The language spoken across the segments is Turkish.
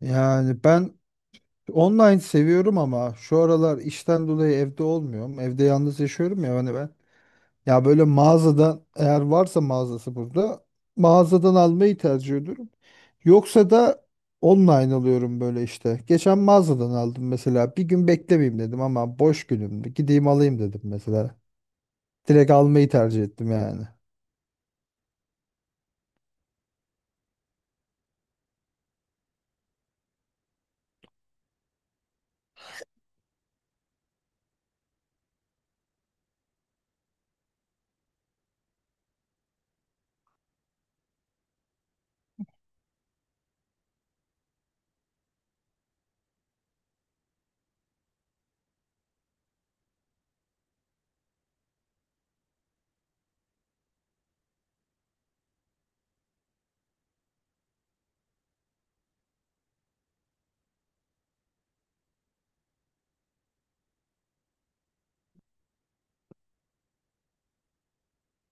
Yani ben online seviyorum ama şu aralar işten dolayı evde olmuyorum. Evde yalnız yaşıyorum ya hani ben. Ya böyle mağazadan eğer varsa mağazası burada mağazadan almayı tercih ediyorum. Yoksa da online alıyorum böyle işte. Geçen mağazadan aldım mesela. Bir gün beklemeyeyim dedim ama boş günümdü. Gideyim alayım dedim mesela. Direkt almayı tercih ettim yani.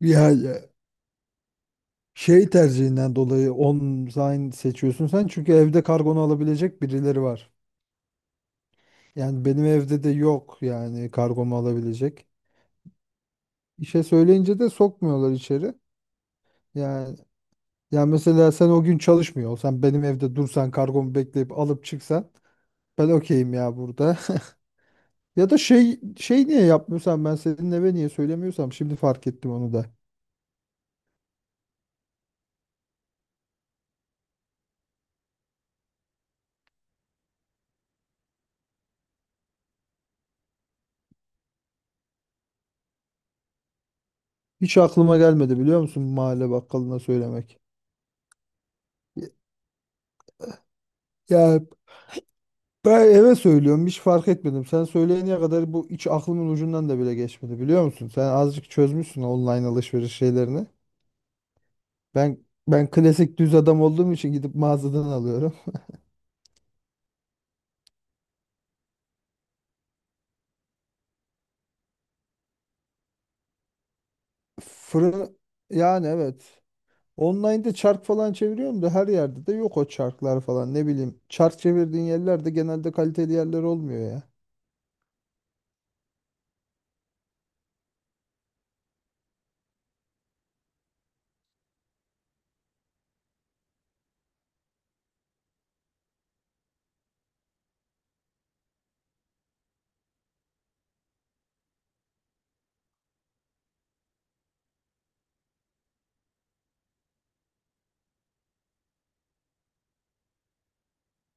Ya. Şey tercihinden dolayı online seçiyorsun sen çünkü evde kargonu alabilecek birileri var. Yani benim evde de yok yani kargomu alabilecek. İşe söyleyince de sokmuyorlar içeri. Yani yani mesela sen o gün çalışmıyor olsan benim evde dursan kargomu bekleyip alıp çıksan ben okeyim ya burada. Ya da şey niye yapmıyorsan ben senin eve niye söylemiyorsam şimdi fark ettim onu da. Hiç aklıma gelmedi biliyor musun mahalle bakkalına söylemek. Ya ben eve söylüyorum hiç fark etmedim. Sen söyleyene kadar bu hiç aklımın ucundan da bile geçmedi biliyor musun? Sen azıcık çözmüşsün online alışveriş şeylerini. Ben ben klasik düz adam olduğum için gidip mağazadan alıyorum. Fırın yani evet. Online'da çark falan çeviriyorum da her yerde de yok o çarklar falan ne bileyim. Çark çevirdiğin yerlerde genelde kaliteli yerler olmuyor ya.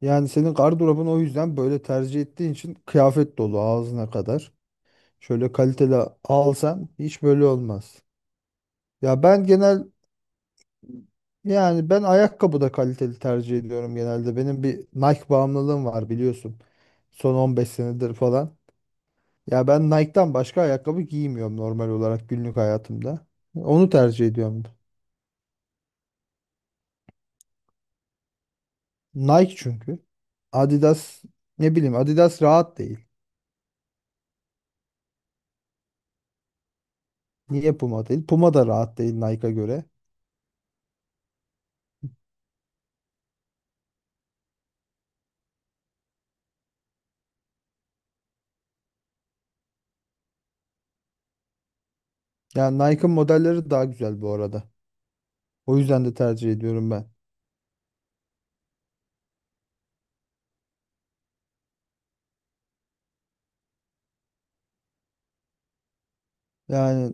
Yani senin gardırobun o yüzden böyle tercih ettiğin için kıyafet dolu ağzına kadar. Şöyle kaliteli alsan hiç böyle olmaz. Ya ben genel yani ben ayakkabı da kaliteli tercih ediyorum genelde. Benim bir Nike bağımlılığım var biliyorsun. Son 15 senedir falan. Ya ben Nike'dan başka ayakkabı giymiyorum normal olarak günlük hayatımda. Onu tercih ediyorum. Nike çünkü. Adidas ne bileyim Adidas rahat değil. Niye Puma değil? Puma da rahat değil Nike'a göre. Yani Nike'ın modelleri daha güzel bu arada. O yüzden de tercih ediyorum ben. Yani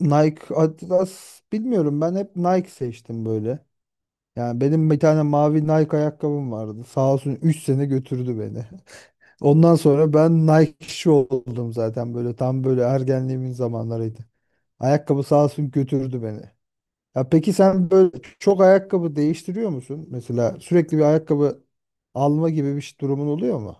Nike, Adidas bilmiyorum ben hep Nike seçtim böyle. Yani benim bir tane mavi Nike ayakkabım vardı. Sağ olsun 3 sene götürdü beni. Ondan sonra ben Nike'ci oldum zaten böyle tam böyle ergenliğimin zamanlarıydı. Ayakkabı sağ olsun götürdü beni. Ya peki sen böyle çok ayakkabı değiştiriyor musun? Mesela sürekli bir ayakkabı alma gibi durumun oluyor mu?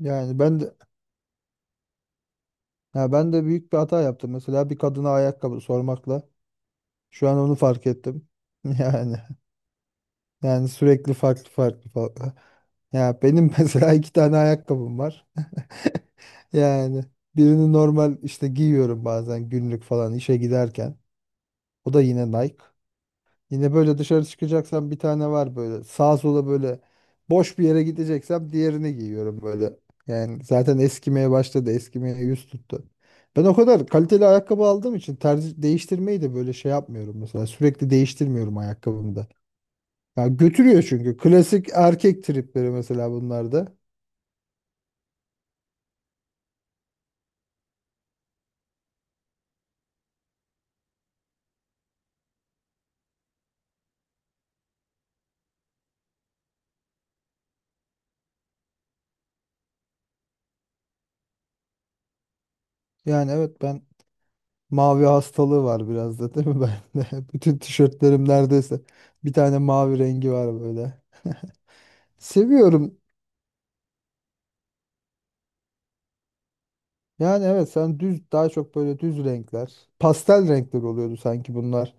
Yani ben de büyük bir hata yaptım. Mesela bir kadına ayakkabı sormakla şu an onu fark ettim. Yani yani sürekli farklı farklı farklı. Ya benim mesela 2 tane ayakkabım var. Yani birini normal işte giyiyorum bazen günlük falan işe giderken. O da yine Nike. Yine böyle dışarı çıkacaksam bir tane var böyle. Sağa sola böyle boş bir yere gideceksem diğerini giyiyorum böyle. Yani zaten eskimeye başladı. Eskimeye yüz tuttu. Ben o kadar kaliteli ayakkabı aldığım için tercih değiştirmeyi de böyle şey yapmıyorum mesela. Sürekli değiştirmiyorum ayakkabımı da. Ya götürüyor çünkü. Klasik erkek tripleri mesela bunlar da. Yani evet ben Mavi hastalığı var biraz da değil mi bende? Bütün tişörtlerim neredeyse bir tane mavi rengi var böyle. Seviyorum. Yani evet sen düz daha çok böyle düz renkler. Pastel renkler oluyordu sanki bunlar.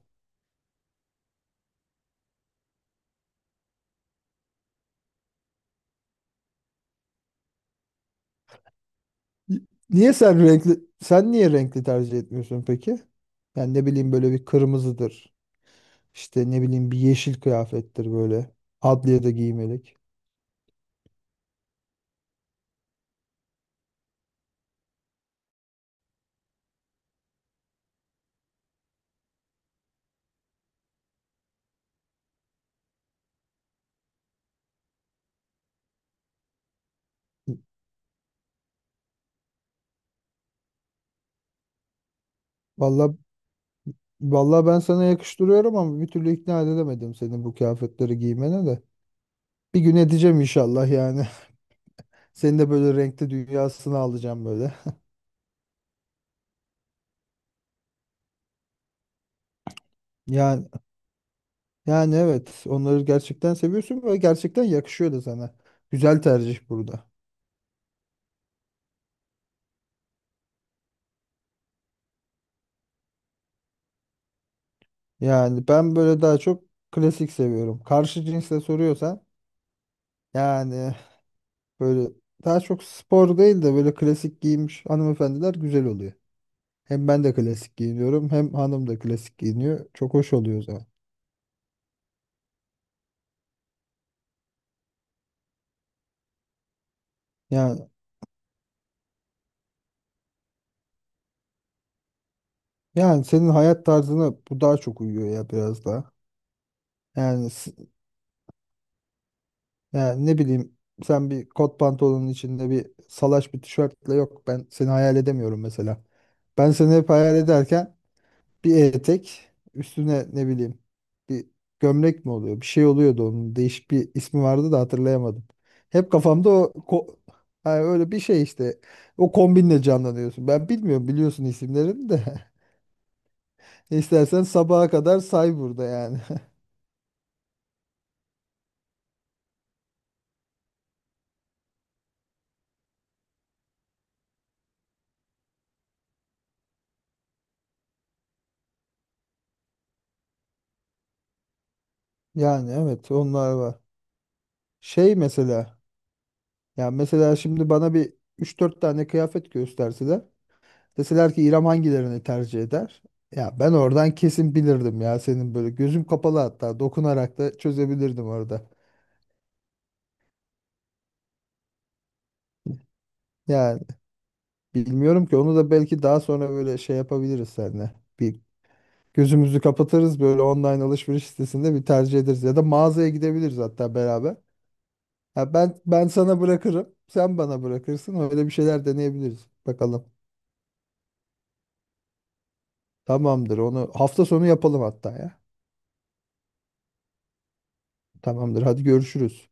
Y- Niye sen renkli sen niye renkli tercih etmiyorsun peki? Yani ne bileyim böyle bir kırmızıdır. İşte ne bileyim bir yeşil kıyafettir böyle. Adliye de giymelik. Vallahi vallahi ben sana yakıştırıyorum ama bir türlü ikna edemedim seni bu kıyafetleri giymene de. Bir gün edeceğim inşallah yani. Seni de böyle renkli dünyasına alacağım böyle. Yani Yani evet onları gerçekten seviyorsun ve gerçekten yakışıyor da sana. Güzel tercih burada. Yani ben böyle daha çok klasik seviyorum. Karşı cinsle soruyorsan yani böyle daha çok spor değil de böyle klasik giymiş hanımefendiler güzel oluyor. Hem ben de klasik giyiniyorum hem hanım da klasik giyiniyor. Çok hoş oluyor o zaman. Yani, yani senin hayat tarzına bu daha çok uyuyor ya biraz daha. Yani s- Yani ne bileyim sen bir kot pantolonun içinde bir salaş bir tişörtle yok ben seni hayal edemiyorum mesela. Ben seni hep hayal ederken bir etek üstüne ne bileyim bir gömlek mi oluyor bir şey oluyordu onun değişik bir ismi vardı da hatırlayamadım. Hep kafamda yani öyle bir şey işte o kombinle canlanıyorsun. Ben bilmiyorum biliyorsun isimlerini de istersen sabaha kadar say burada yani. Yani evet onlar var. Şey mesela Ya mesela şimdi bana bir 3-4 tane kıyafet gösterseler. Deseler ki İrem hangilerini tercih eder? Ya ben oradan kesin bilirdim ya senin böyle gözüm kapalı hatta dokunarak da çözebilirdim orada. Yani bilmiyorum ki onu da belki daha sonra böyle şey yapabiliriz seninle. Bir gözümüzü kapatırız böyle online alışveriş sitesinde bir tercih ederiz ya da mağazaya gidebiliriz hatta beraber. Ya ben sana bırakırım, sen bana bırakırsın öyle bir şeyler deneyebiliriz. Bakalım. Tamamdır onu hafta sonu yapalım hatta ya. Tamamdır. Hadi görüşürüz.